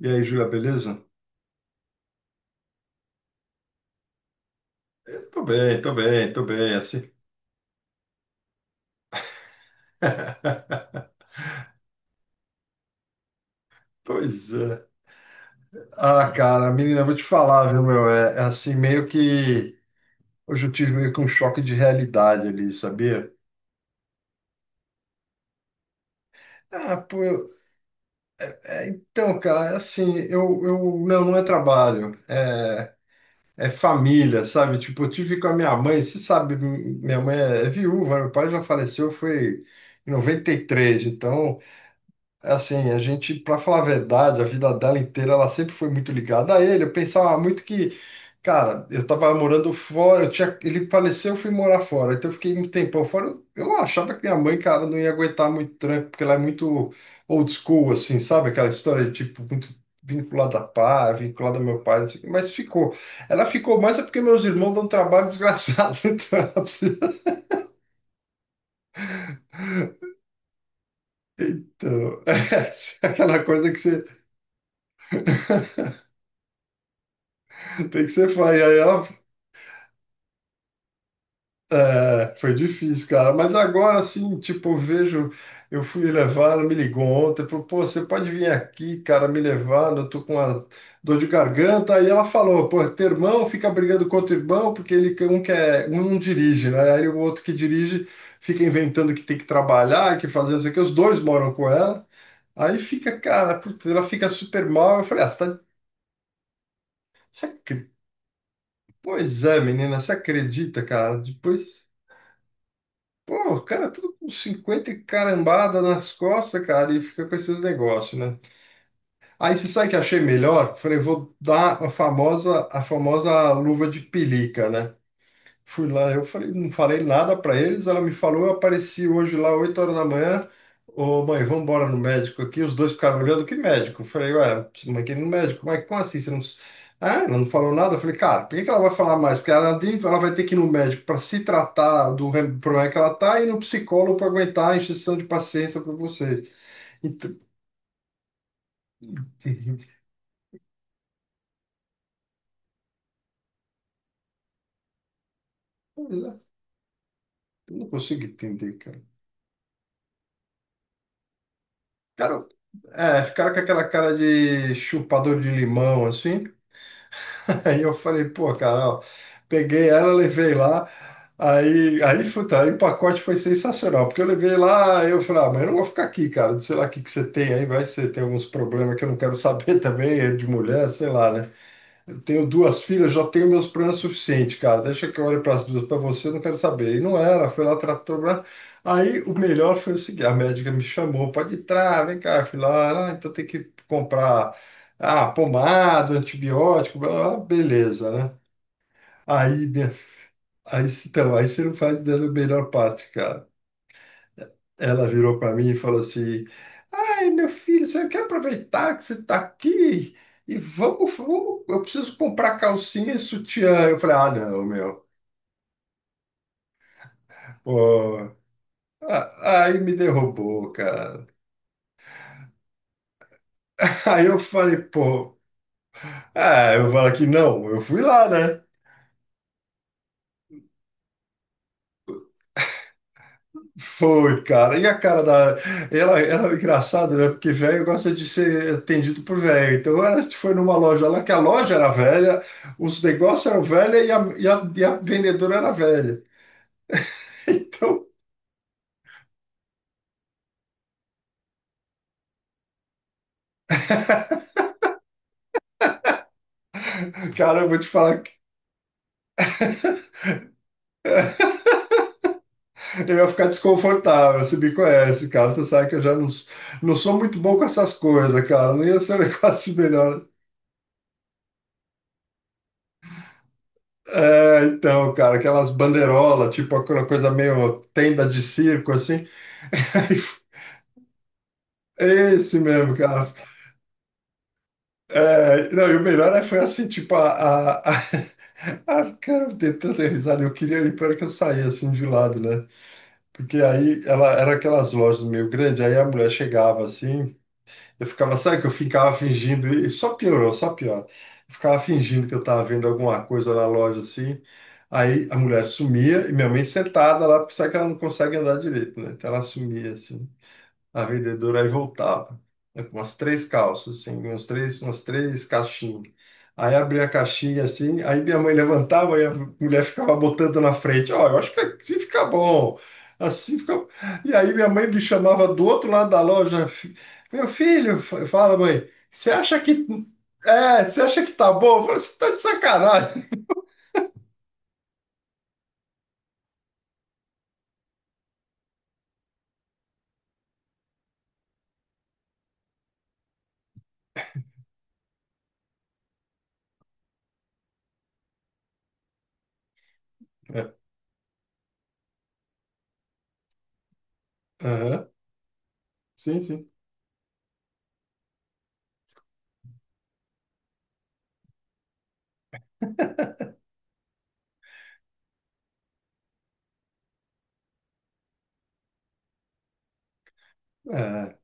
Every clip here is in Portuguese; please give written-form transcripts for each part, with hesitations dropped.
E aí, Júlia, beleza? Eu tô bem, tô bem, tô bem, assim. Pois é. Ah, cara, menina, eu vou te falar, viu, meu? É assim, meio que. Hoje eu tive meio que um choque de realidade ali, sabia? Ah, pô, é, então, cara, é assim, eu, eu. Não, não é trabalho, é família, sabe? Tipo, eu tive com a minha mãe, você sabe, minha mãe é viúva, meu pai já faleceu, foi em 93. Então. É, assim, a gente, pra falar a verdade, a vida dela inteira, ela sempre foi muito ligada a ele. Eu pensava muito que, cara, eu tava morando fora, eu tinha, ele faleceu, eu fui morar fora. Então eu fiquei um tempão fora. Eu achava que minha mãe, cara, não ia aguentar muito tranco, porque ela é muito old school, assim, sabe? Aquela história de, tipo, muito vinculada a pai, vinculada ao meu pai, não sei o quê. Mas ficou. Ela ficou mais é porque meus irmãos dão um trabalho desgraçado. Então ela precisa. Então, é aquela coisa que você. Tem que ser fã. E aí ela É, foi difícil, cara. Mas agora sim, tipo, eu vejo, eu fui levar, ela me ligou ontem, falou, pô, você pode vir aqui, cara, me levar, eu tô com uma dor de garganta. Aí ela falou, pô, teu irmão fica brigando com outro irmão, porque ele um quer, um não dirige, né? Aí o outro que dirige fica inventando que tem que trabalhar, que fazer não sei o que, os dois moram com ela. Aí fica, cara, putz, ela fica super mal. Eu falei, ah, você tá. você acre- Pois é, menina, você acredita, cara? Depois. Pô, cara, é tudo com 50 e carambada nas costas, cara, e fica com esses negócios, né? Aí você sabe o que eu achei melhor? Falei, vou dar a famosa luva de pelica, né? Fui lá, eu falei, não falei nada para eles. Ela me falou, eu apareci hoje lá 8 horas da manhã. Ô, mãe, vamos embora no médico aqui. Os dois ficaram olhando, que médico? Eu falei, ué, mãe, que no médico? Mas como assim? Você não... Ah, ela não falou nada? Eu falei, cara, por que que ela vai falar mais? Porque ela, ela vai ter que ir no médico para se tratar do problema que ela tá e no psicólogo para aguentar a injeção de paciência para vocês. Então, pois é, eu não consigo entender, cara. Cara, é, ficaram com aquela cara de chupador de limão, assim. Aí eu falei, pô, cara, ó, peguei ela, levei lá. Aí, puta, aí o pacote foi sensacional, porque eu levei lá, aí eu falei, ah, mas eu não vou ficar aqui, cara, não sei lá o que que você tem aí, vai que você tem alguns problemas que eu não quero saber também, é de mulher, sei lá, né? Eu tenho duas filhas, já tenho meus planos suficientes, cara. Deixa que eu olhe para as duas, para você, eu não quero saber. E não era, foi lá, tratou. Blá. Aí o melhor foi o seguinte: a médica me chamou, pode entrar, vem cá, filha. Ah, então tem que comprar ah, pomada, antibiótico, blá, blá, blá. Beleza, né? Aí, minha, aí, então, aí você não faz ideia da melhor parte, cara. Ela virou para mim e falou assim. Ei, meu filho, você quer aproveitar que você está aqui? E vamos, vamos, eu preciso comprar calcinha e sutiã. Eu falei, ah, não, meu. Pô, aí me derrubou, cara. Aí eu falei, pô, é, eu falo aqui, não, eu fui lá, né? Foi, cara. E a cara da. Ela é engraçada, né? Porque velho gosta de ser atendido por velho. Então ela foi numa loja lá, que a loja era velha, os negócios eram velhos e a vendedora era velha. Então. Cara, eu vou te falar que eu ia ficar desconfortável. Você me conhece, cara. Você sabe que eu já não sou muito bom com essas coisas, cara. Não ia ser um negócio melhor. É, então, cara, aquelas bandeirolas, tipo aquela coisa meio tenda de circo, assim. Esse mesmo, cara. É, não, e o melhor é, foi assim, tipo, a... Ah, cara, eu dei tanta risada, eu queria ir para que eu saísse assim de lado, né? Porque aí ela era aquelas lojas meio grandes, aí a mulher chegava assim, eu ficava, sabe que eu ficava fingindo, e só piorou, só piora. Eu ficava fingindo que eu estava vendo alguma coisa na loja assim, aí a mulher sumia e minha mãe sentada lá, porque sabe que ela não consegue andar direito, né? Então ela sumia assim a vendedora aí voltava, né, com umas três calças, assim, uns três, umas três caixinhas. Aí abria a caixinha assim, aí minha mãe levantava e a mulher ficava botando na frente. Ó, eu acho que assim fica bom. Assim fica. E aí minha mãe me chamava do outro lado da loja. Meu filho, fala, mãe, você acha que. É, você acha que tá bom? Eu falei, você tá de sacanagem. É, aham, sim, sim. É,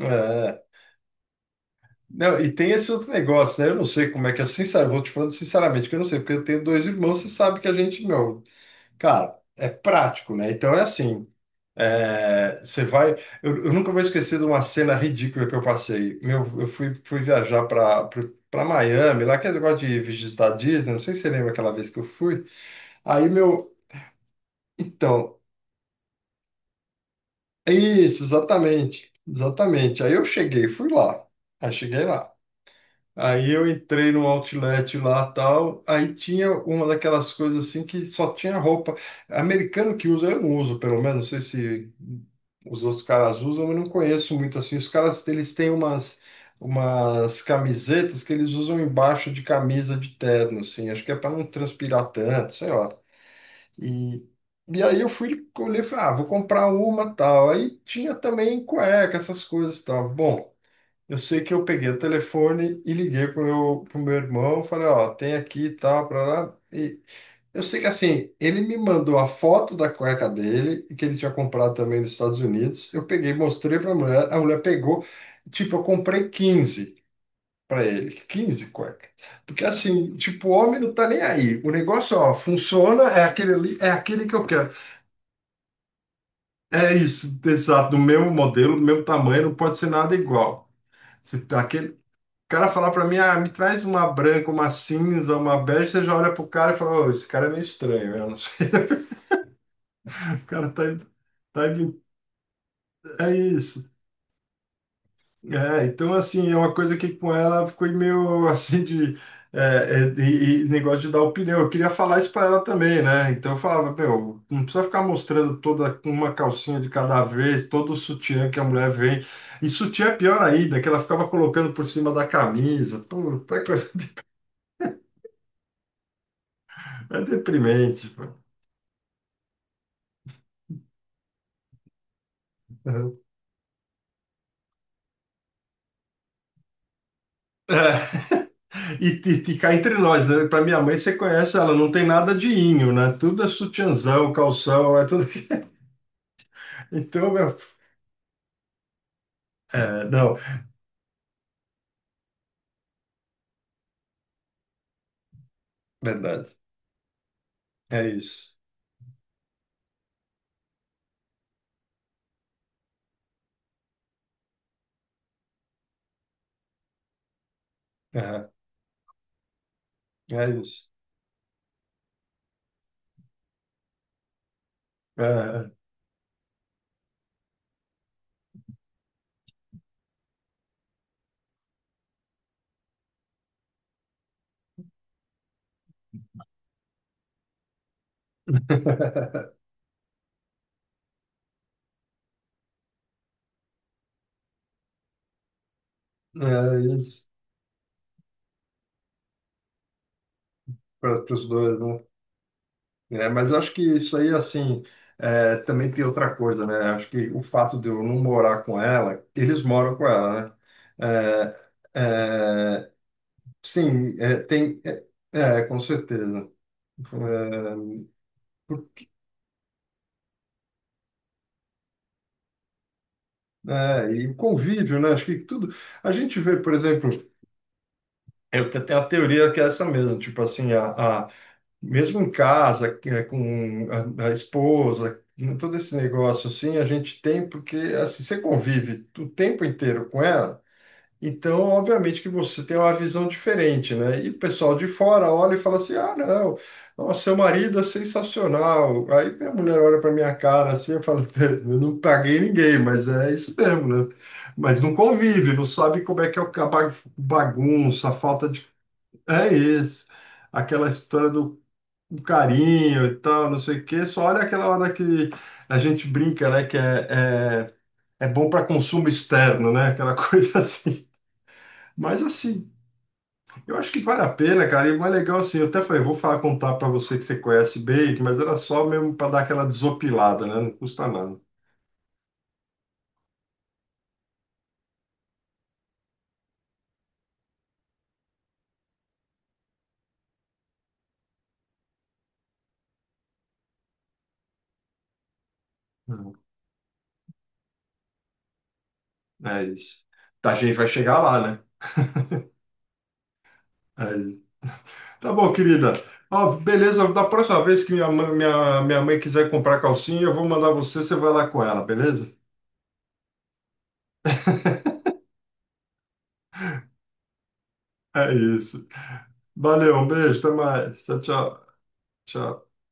é. Não, e tem esse outro negócio, né? Eu não sei como é que é, sincero, vou te falando sinceramente que eu não sei, porque eu tenho dois irmãos, você sabe que a gente, meu, cara, é prático, né? Então é assim, é, você vai. Eu nunca vou esquecer de uma cena ridícula que eu passei. Meu, eu fui, fui viajar para Miami, lá que é esse negócio de visitar Disney, não sei se você lembra aquela vez que eu fui. Aí, meu, então, é isso, exatamente, exatamente. Aí eu cheguei, fui lá. Aí cheguei lá. Aí eu entrei no outlet lá tal, aí tinha uma daquelas coisas assim que só tinha roupa. Americano que usa, eu não uso, pelo menos, não sei se os outros caras usam, eu não conheço muito assim. Os caras, eles têm umas, umas camisetas que eles usam embaixo de camisa de terno, assim, acho que é para não transpirar tanto, sei lá. E, e aí eu fui olhei e falei, ah, vou comprar uma tal. Aí tinha também cueca, essas coisas tal. Bom. Eu sei que eu peguei o telefone e liguei pro meu irmão, falei, ó, tem aqui e tal, pra lá. E eu sei que assim, ele me mandou a foto da cueca dele, que ele tinha comprado também nos Estados Unidos. Eu peguei, mostrei pra mulher, a mulher pegou, tipo, eu comprei 15 pra ele, 15 cuecas. Porque assim, tipo, o homem não tá nem aí. O negócio, ó, funciona, é aquele ali, é aquele que eu quero. É isso, exato, do mesmo modelo, do mesmo tamanho, não pode ser nada igual. Se tá aquele, cara falar pra mim, ah, me traz uma branca, uma cinza, uma bege, você já olha pro cara e fala, ô, esse cara é meio estranho, eu não sei, o cara tá, tá, imitando, é isso. É, então, assim, é uma coisa que com ela ficou meio, assim, de, é, e negócio de dar opinião, eu queria falar isso pra ela também, né, então eu falava, meu, não precisa ficar mostrando toda uma calcinha de cada vez, todo o sutiã que a mulher vem, e sutiã é pior ainda, que ela ficava colocando por cima da camisa, puta coisa, é deprimente, pô. É, e cá entre nós, né? Pra minha mãe, você conhece ela, não tem nada de inho, né? Tudo é sutiãzão, calção, é tudo. Então, meu. É, não, verdade. É isso. É, é isso. É, é isso. Para os dois, né? É, mas acho que isso aí, assim, é, também tem outra coisa, né? Acho que o fato de eu não morar com ela, eles moram com ela, né? É, é, sim, é, tem. É, com certeza. É, e o convívio, né? Acho que tudo. A gente vê, por exemplo, eu tenho a teoria que é essa mesmo, tipo assim, mesmo em casa, que é com a esposa, né, todo esse negócio assim, a gente tem porque assim, você convive o tempo inteiro com ela. Então, obviamente que você tem uma visão diferente, né? E o pessoal de fora olha e fala assim: ah, não, nossa, seu marido é sensacional. Aí minha mulher olha para minha cara assim e fala: eu não paguei ninguém, mas é isso mesmo, né? Mas não convive, não sabe como é que é o bagunça, a falta de. É isso, aquela história do carinho e tal, não sei o quê. Só olha aquela hora que a gente brinca, né? Que é, é, é bom para consumo externo, né? Aquela coisa assim. Mas assim, eu acho que vale a pena, cara. E o mais legal, assim, eu até falei, vou falar contar para você que você conhece bem, mas era só mesmo para dar aquela desopilada, né? Não custa nada. Uhum. É isso. Tá, a gente vai chegar lá, né? É isso. Tá bom, querida. Ó, beleza, da próxima vez que minha mãe quiser comprar calcinha, eu vou mandar você, você vai lá com ela, beleza? É isso. Valeu, um beijo, até mais. Tchau, tchau. Tchau.